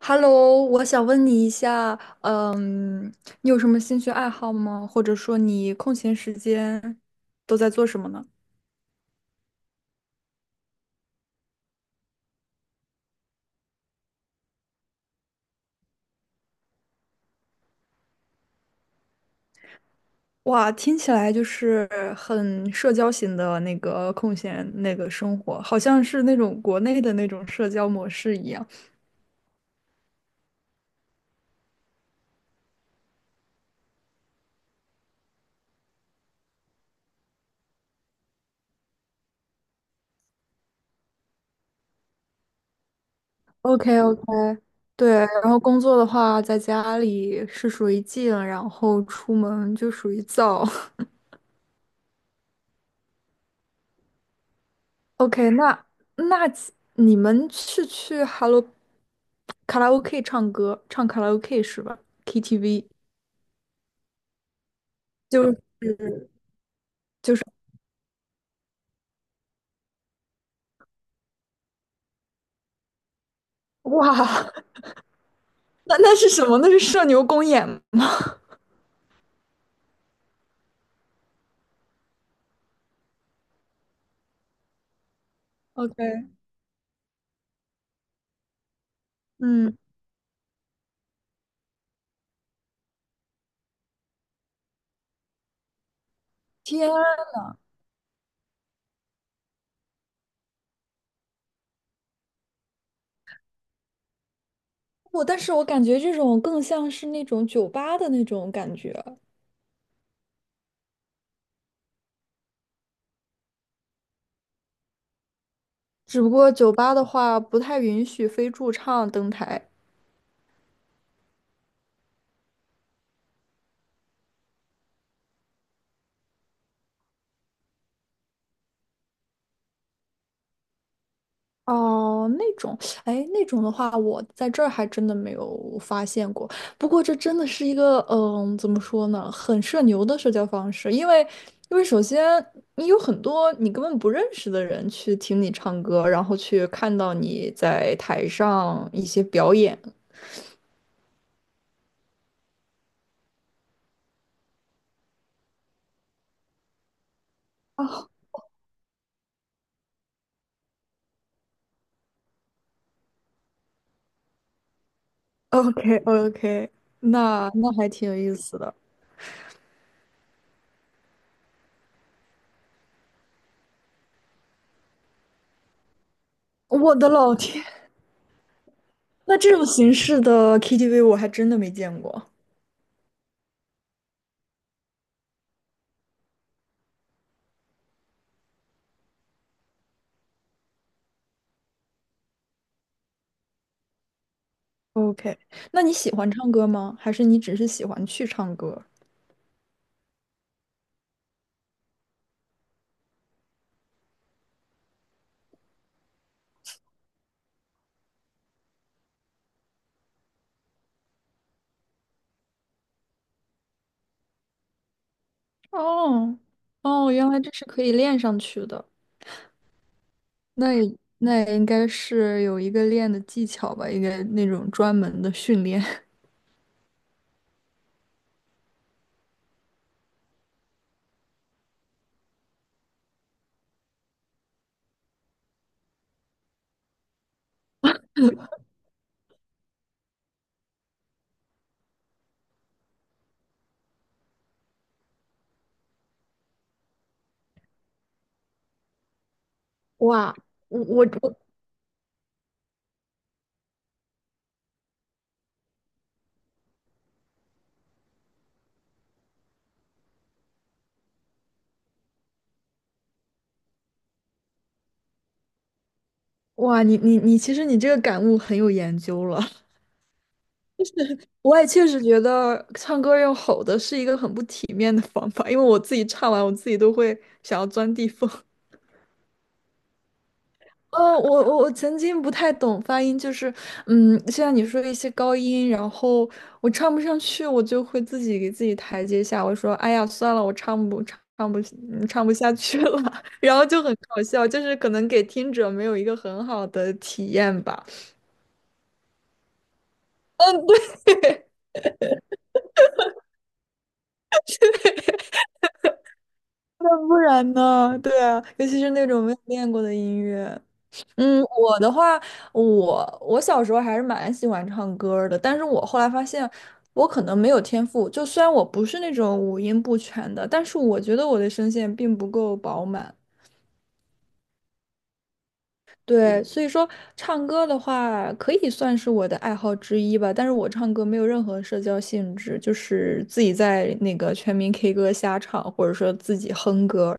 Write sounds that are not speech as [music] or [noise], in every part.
Hello,我想问你一下，你有什么兴趣爱好吗？或者说你空闲时间都在做什么呢？哇，听起来就是很社交型的空闲生活，好像是那种国内的那种社交模式一样。o k o k 对，然后工作的话，在家里是属于静，然后出门就属于躁。[laughs] OK,那你们是去 Hello 卡拉 OK 唱歌，唱卡拉 OK 是吧？KTV 就是，哇，[laughs] 那是什么？那是社牛公演吗？ OK。嗯。天啊。我但是我感觉这种更像是那种酒吧的那种感觉。只不过酒吧的话不太允许非驻唱登台。哦，那种，哎，那种的话，我在这儿还真的没有发现过。不过这真的是一个，怎么说呢，很社牛的社交方式，因为，因为首先你有很多你根本不认识的人去听你唱歌，然后去看到你在台上一些表演。o k o k 那那还挺有意思的。我的老天，那这种形式的 KTV 我还真的没见过。OK,那你喜欢唱歌吗？还是你只是喜欢去唱歌？哦。哦，原来这是可以练上去的。那也那也应该是有一个练的技巧吧，应该那种专门的训练。[laughs] 哇，我我我，哇，你，其实你这个感悟很有研究了。[laughs] 我也确实觉得唱歌用吼的是一个很不体面的方法，因为我自己唱完，我自己都会想要钻地缝。哦，我曾经不太懂发音，就是，嗯，像你说的一些高音，然后我唱不上去，我就会自己给自己台阶下，我说，哎呀，算了，我唱不唱唱不嗯唱不下去了，[laughs] 然后就很搞笑，就是可能给听者没有一个很好的体验吧。嗯，对。那不然呢？对啊，尤其是那种没有练过的音乐。嗯，我的话，我小时候还是蛮喜欢唱歌儿的，但是我后来发现我可能没有天赋，就虽然我不是那种五音不全的，但是我觉得我的声线并不够饱满。对，所以说唱歌的话可以算是我的爱好之一吧，但是我唱歌没有任何社交性质，就是自己在那个全民 K 歌瞎唱，或者说自己哼歌。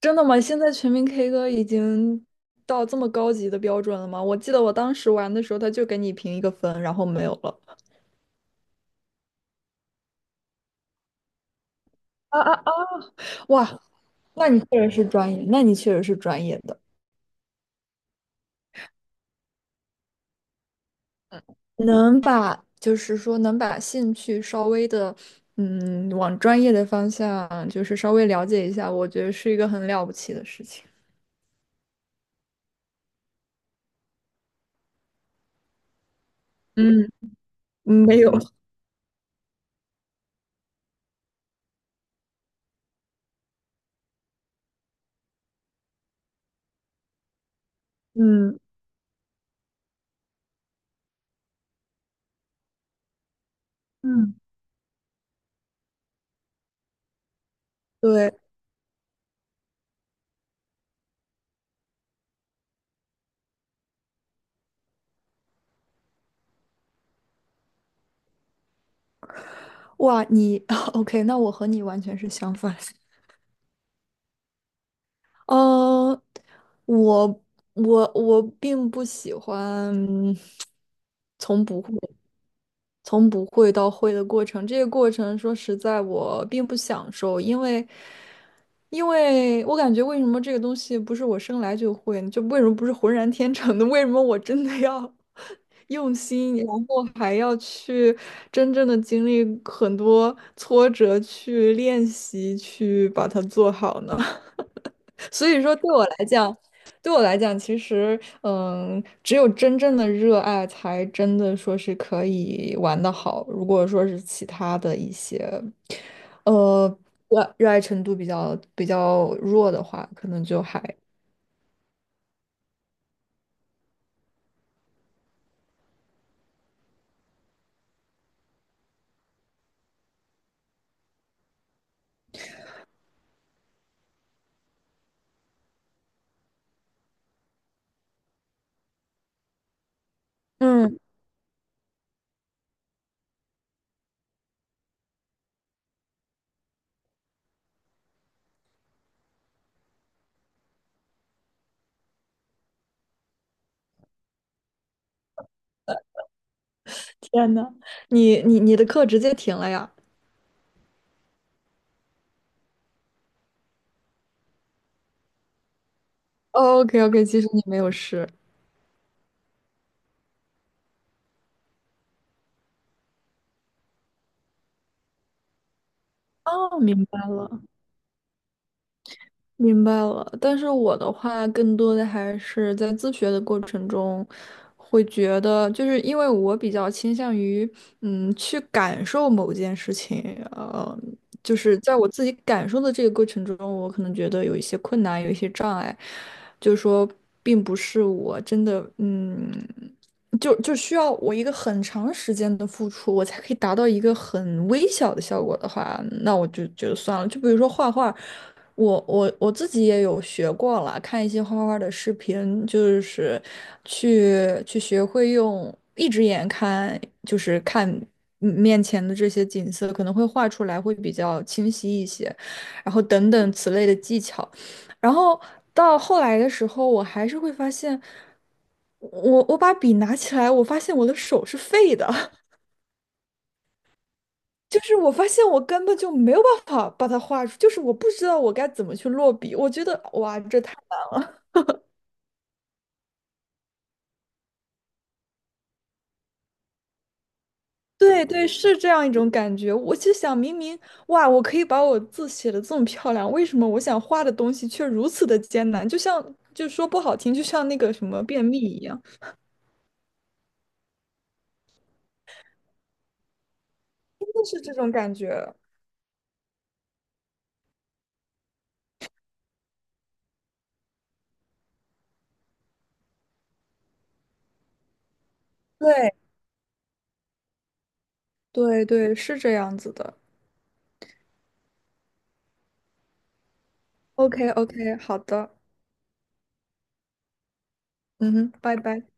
真的吗？现在全民 K 歌已经到这么高级的标准了吗？我记得我当时玩的时候，他就给你评一个分，然后没有了。啊啊啊！哇，那你确实是专业，那你确实是专业的，能把能把兴趣稍微的，嗯，往专业的方向就是稍微了解一下，我觉得是一个很了不起的事情。嗯。嗯，没有。嗯嗯。对。哇，你。 [laughs] OK,那我和你完全是相反。呃，我我并不喜欢从不会从不会到会的过程。这个过程说实在，我并不享受，因为因为我感觉为什么这个东西不是我生来就会呢，就为什么不是浑然天成的？[laughs] 为什么我真的要 [laughs] 用心，然后还要去真正的经历很多挫折去练习，去把它做好呢？所以说，对我来讲，对我来讲，其实，嗯，只有真正的热爱，才真的说是可以玩得好。如果说是其他的一些，呃，热爱程度比较弱的话，可能就还，嗯。天呐，你的课直接停了呀？OK OK,其实你没有事。哦，明白了。明白了，但是我的话更多的还是在自学的过程中，会觉得就是因为我比较倾向于嗯去感受某件事情，呃，就是在我自己感受的这个过程中，我可能觉得有一些困难，有一些障碍，就是说并不是我真的嗯，就需要我一个很长时间的付出，我才可以达到一个很微小的效果的话，那我就觉得算了。就比如说画画。我自己也有学过了，看一些画画的视频，就是去学会用一只眼看，就是看嗯面前的这些景色，可能会画出来会比较清晰一些，然后等等此类的技巧。然后到后来的时候，我还是会发现，我把笔拿起来，我发现我的手是废的。[laughs] 就是我发现我根本就没有办法把它画出，就是我不知道我该怎么去落笔。我觉得哇，这太。对对，是这样一种感觉。我就想，明明哇，我可以把我字写的这么漂亮，为什么我想画的东西却如此的艰难？就像，就说不好听，就像那个什么便秘一样，真的是这种感觉。对对对，是这样子的。OK OK,好的。嗯哼，拜拜。